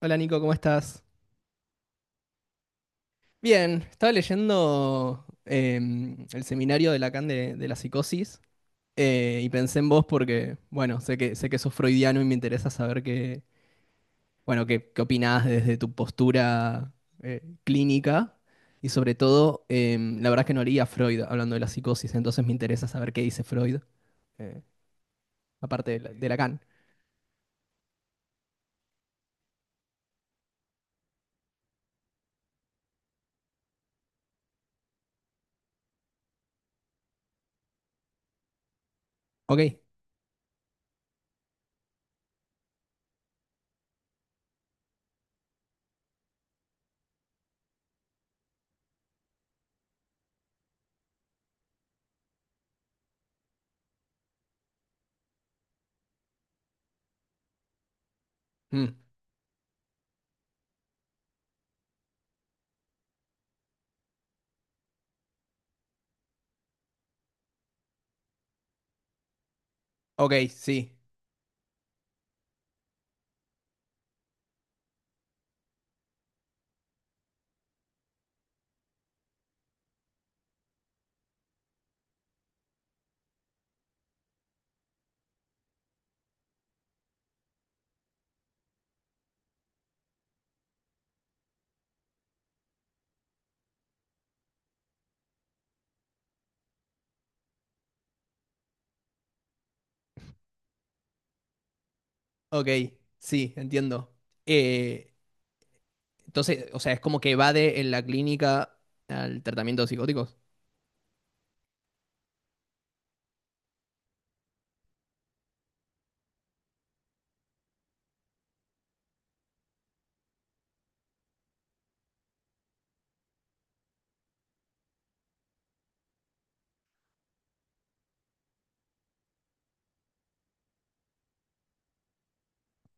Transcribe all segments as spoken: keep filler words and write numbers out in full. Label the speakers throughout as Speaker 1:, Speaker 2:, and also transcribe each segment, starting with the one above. Speaker 1: Hola Nico, ¿cómo estás? Bien, estaba leyendo em, el seminario de Lacan de, de la psicosis, eh, y pensé en vos porque, bueno, sé que, sé que sos freudiano y me interesa saber qué, bueno, qué, qué opinás desde tu postura eh, clínica, y sobre todo, em, la verdad es que no leía a Freud hablando de la psicosis, entonces me interesa saber qué dice Freud, eh, aparte de, la- de Lacan. Ok. Mm. Ok, sí. Ok, sí, entiendo. Eh, Entonces, o sea, es como que evade en la clínica al tratamiento de psicóticos.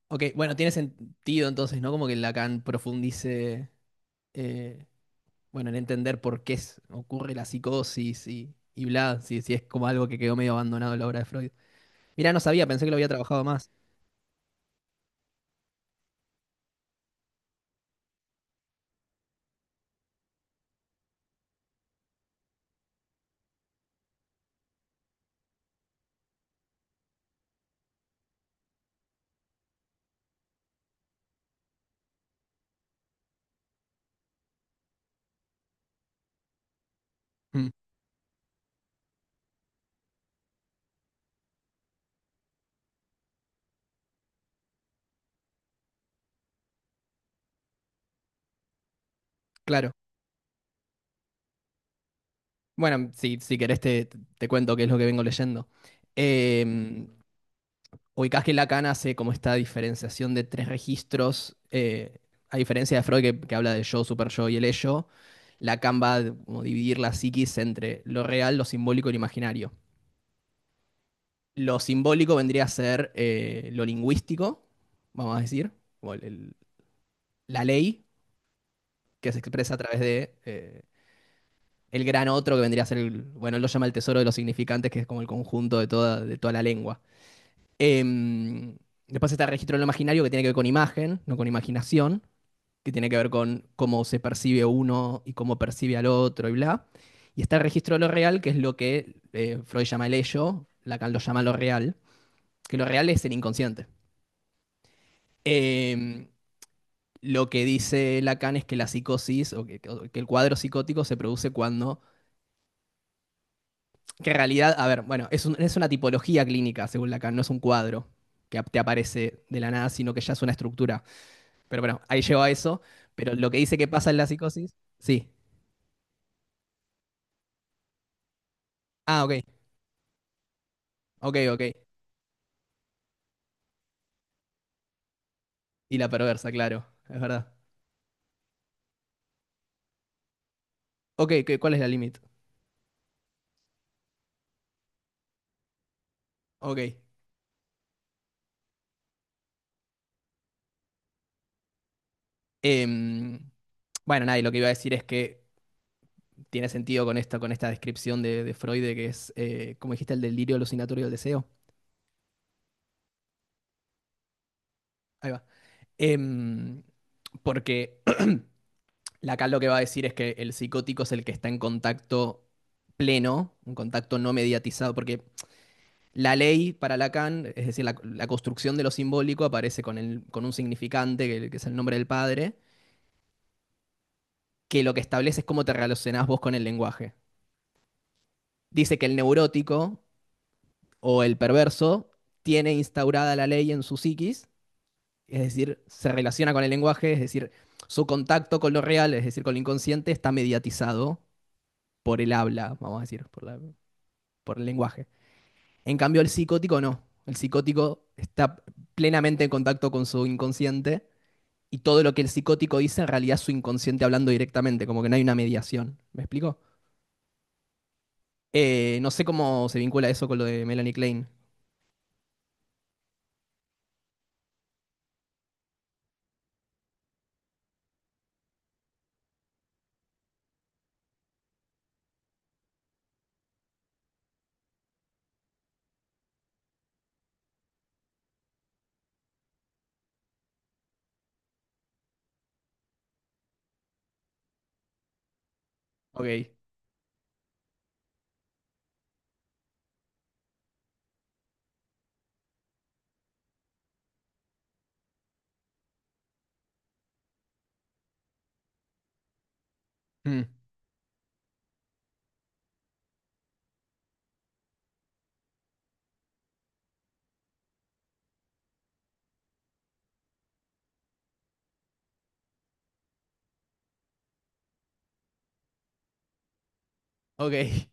Speaker 1: Ok, bueno, tiene sentido entonces, ¿no? Como que Lacan profundice, eh, bueno, en entender por qué es- ocurre la psicosis y, y bla, si, si es como algo que quedó medio abandonado en la obra de Freud. Mirá, no sabía, pensé que lo había trabajado más. Mm, claro. Bueno, si, si querés te, te cuento qué es lo que vengo leyendo. Em, ubicás que Lacan hace como esta diferenciación de tres registros, eh, a diferencia de Freud que, que habla del yo, superyo y el ello. Lacan va a como dividir la psiquis entre lo real, lo simbólico y lo imaginario. Lo simbólico vendría a ser eh, lo lingüístico, vamos a decir, como el- el- la ley que se expresa a través de eh, el gran otro que vendría a ser, el, bueno, él lo llama el tesoro de los significantes, que es como el conjunto de toda, de toda la lengua. Em, después está el registro de lo imaginario, que tiene que ver con imagen, no con imaginación, que tiene que ver con cómo se percibe uno y cómo percibe al otro y bla. Y está el registro de lo real, que es lo que eh, Freud llama el ello, Lacan lo llama lo real, que lo real es el inconsciente. Eh, lo que dice Lacan es que la psicosis o que, que, el cuadro psicótico se produce cuando, que en realidad, a ver, bueno, es, un, es una tipología clínica, según Lacan, no es un cuadro que te aparece de la nada, sino que ya es una estructura. Pero bueno, ahí llego a eso, pero lo que dice que pasa en la psicosis. Sí. Ah, ok, ok, ok. Y la perversa, claro, es verdad. Ok, ¿qué- ¿cuál es la límite? Ok. Em, bueno, nada, y lo que iba a decir es que tiene sentido con esto, con esta descripción de, de Freud, de que es, eh, como dijiste, el delirio alucinatorio del deseo. Ahí va. Em, porque Lacan lo que va a decir es que el psicótico es el que está en contacto pleno, un contacto no mediatizado, porque la ley para Lacan, es decir, la, la construcción de lo simbólico aparece con, el, con un significante, que, que es el nombre del padre, que lo que establece es cómo te relacionás vos con el lenguaje. Dice que el neurótico o el perverso tiene instaurada la ley en su psiquis, es decir, se relaciona con el lenguaje, es decir, su contacto con lo real, es decir, con lo inconsciente, está mediatizado por el habla, vamos a decir, por, la- por el lenguaje. En cambio, el psicótico no. El psicótico está plenamente en contacto con su inconsciente, y todo lo que el psicótico dice en realidad es su inconsciente hablando directamente, como que no hay una mediación. ¿Me explico? Eh, no sé cómo se vincula eso con lo de Melanie Klein. Ok. Mm. Ok.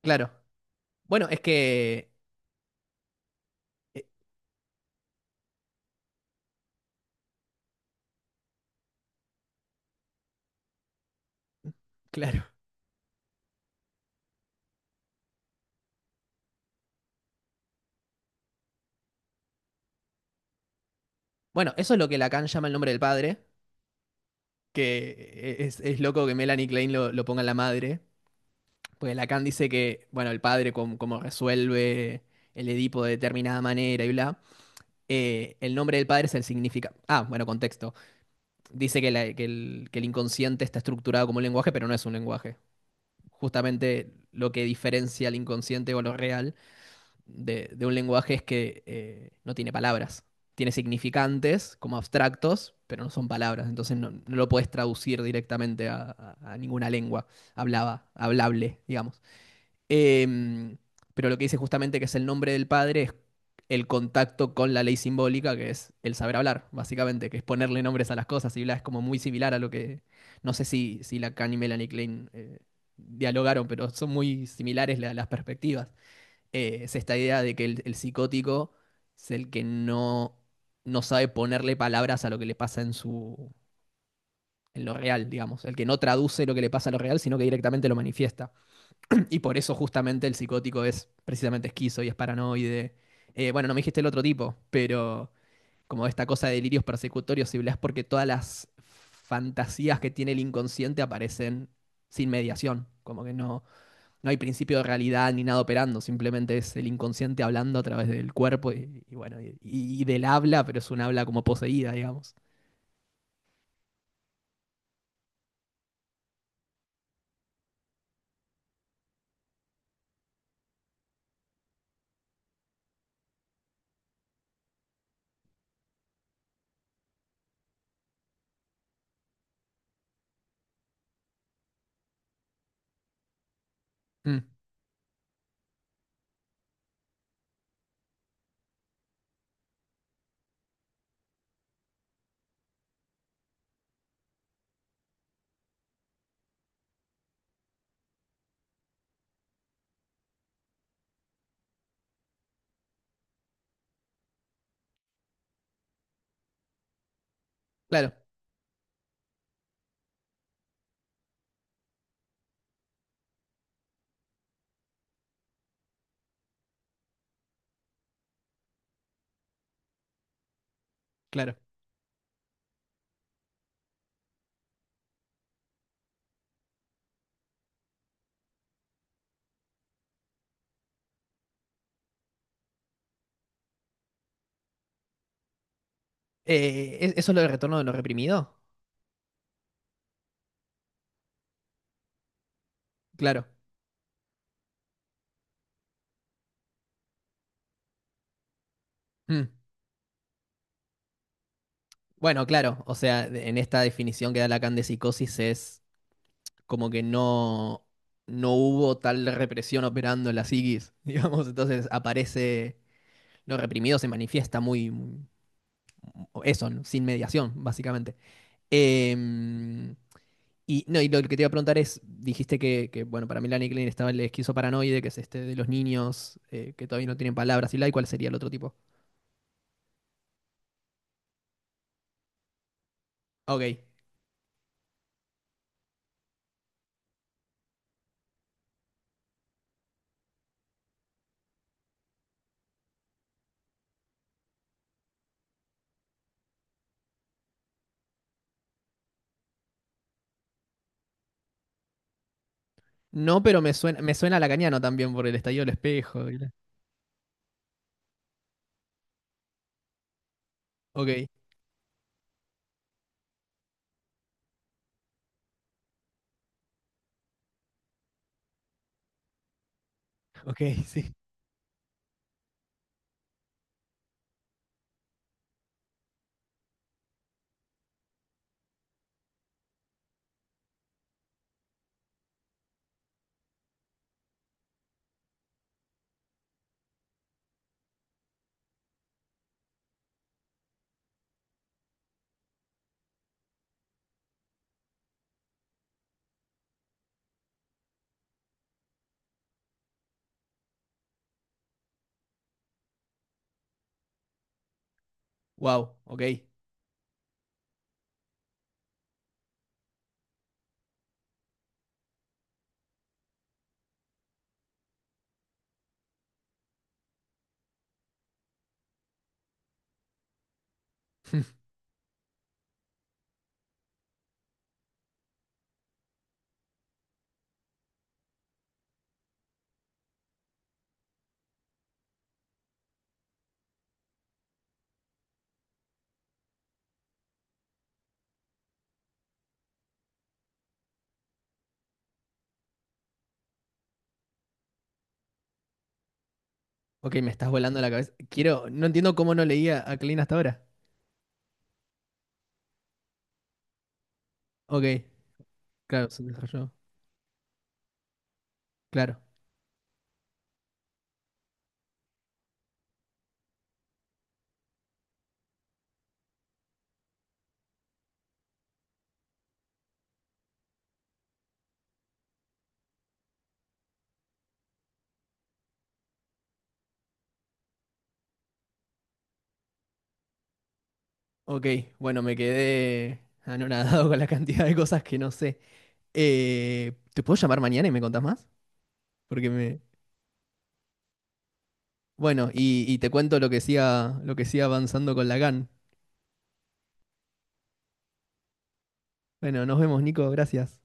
Speaker 1: Claro. Bueno, es que. eh, claro. Bueno, eso es lo que Lacan llama el nombre del padre. Que es, es loco que Melanie Klein lo, lo ponga en la madre. Porque Lacan dice que, bueno, el padre, com- como, resuelve el Edipo de determinada manera y bla. eh, el nombre del padre es el significado. Ah, bueno, contexto. Dice que, la- que el, que el inconsciente está estructurado como un lenguaje, pero no es un lenguaje. Justamente lo que diferencia al inconsciente o lo real de, de un lenguaje es que eh, no tiene palabras. Tiene significantes como abstractos, pero no son palabras. Entonces no, no lo puedes traducir directamente a, a- a ninguna lengua hablaba, hablable, digamos. Em, pero lo que dice justamente que es el nombre del padre es el contacto con la ley simbólica, que es el saber hablar, básicamente, que es ponerle nombres a las cosas y bla, es como muy similar a lo que, no sé si, si Lacan y Melanie Klein eh, dialogaron, pero son muy similares la- las perspectivas. Eh, es esta idea de que el, el psicótico es el que no, no sabe ponerle palabras a lo que le pasa en su, en lo real, digamos, el que no traduce lo que le pasa a lo real, sino que directamente lo manifiesta. Y por eso justamente el psicótico es precisamente esquizo y es paranoide. Eh, bueno, no me dijiste el otro tipo, pero como esta cosa de delirios persecutorios y bla es porque todas las fantasías que tiene el inconsciente aparecen sin mediación, como que no, no hay principio de realidad ni nada operando, simplemente es el inconsciente hablando a través del cuerpo y, y bueno, y, y del habla, pero es un habla como poseída, digamos. Mm, claro, claro. Eh, ¿es- ¿eso es lo del retorno de lo reprimido? Claro. Mm. Bueno, claro, o sea, de- en esta definición que da Lacan de psicosis es como que no, no hubo tal represión operando en la psiquis, digamos, entonces aparece, lo reprimido se manifiesta muy, muy- eso, ¿no? Sin mediación, básicamente. Em, y, no, y lo que te iba a preguntar es, dijiste que, que, bueno, para Melanie Klein estaba el esquizoparanoide, que es este de los niños eh, que todavía no tienen palabras, y la, ¿y cuál sería el otro tipo? Ok, no, pero me suena, me suena lacaniano también por el estallido del espejo. Y la- Ok. Ok, sí. Wow, ok. Ok, me estás volando la cabeza. Quiero, no entiendo cómo no leía a Klein hasta ahora. Ok, claro, se desarrolló. Claro. Ok, bueno, me quedé anonadado con la cantidad de cosas que no sé. Eh, ¿te puedo llamar mañana y me contás más? Porque me... Bueno, y, y te cuento lo que siga, lo que siga avanzando con la G A N. Bueno, nos vemos, Nico, gracias.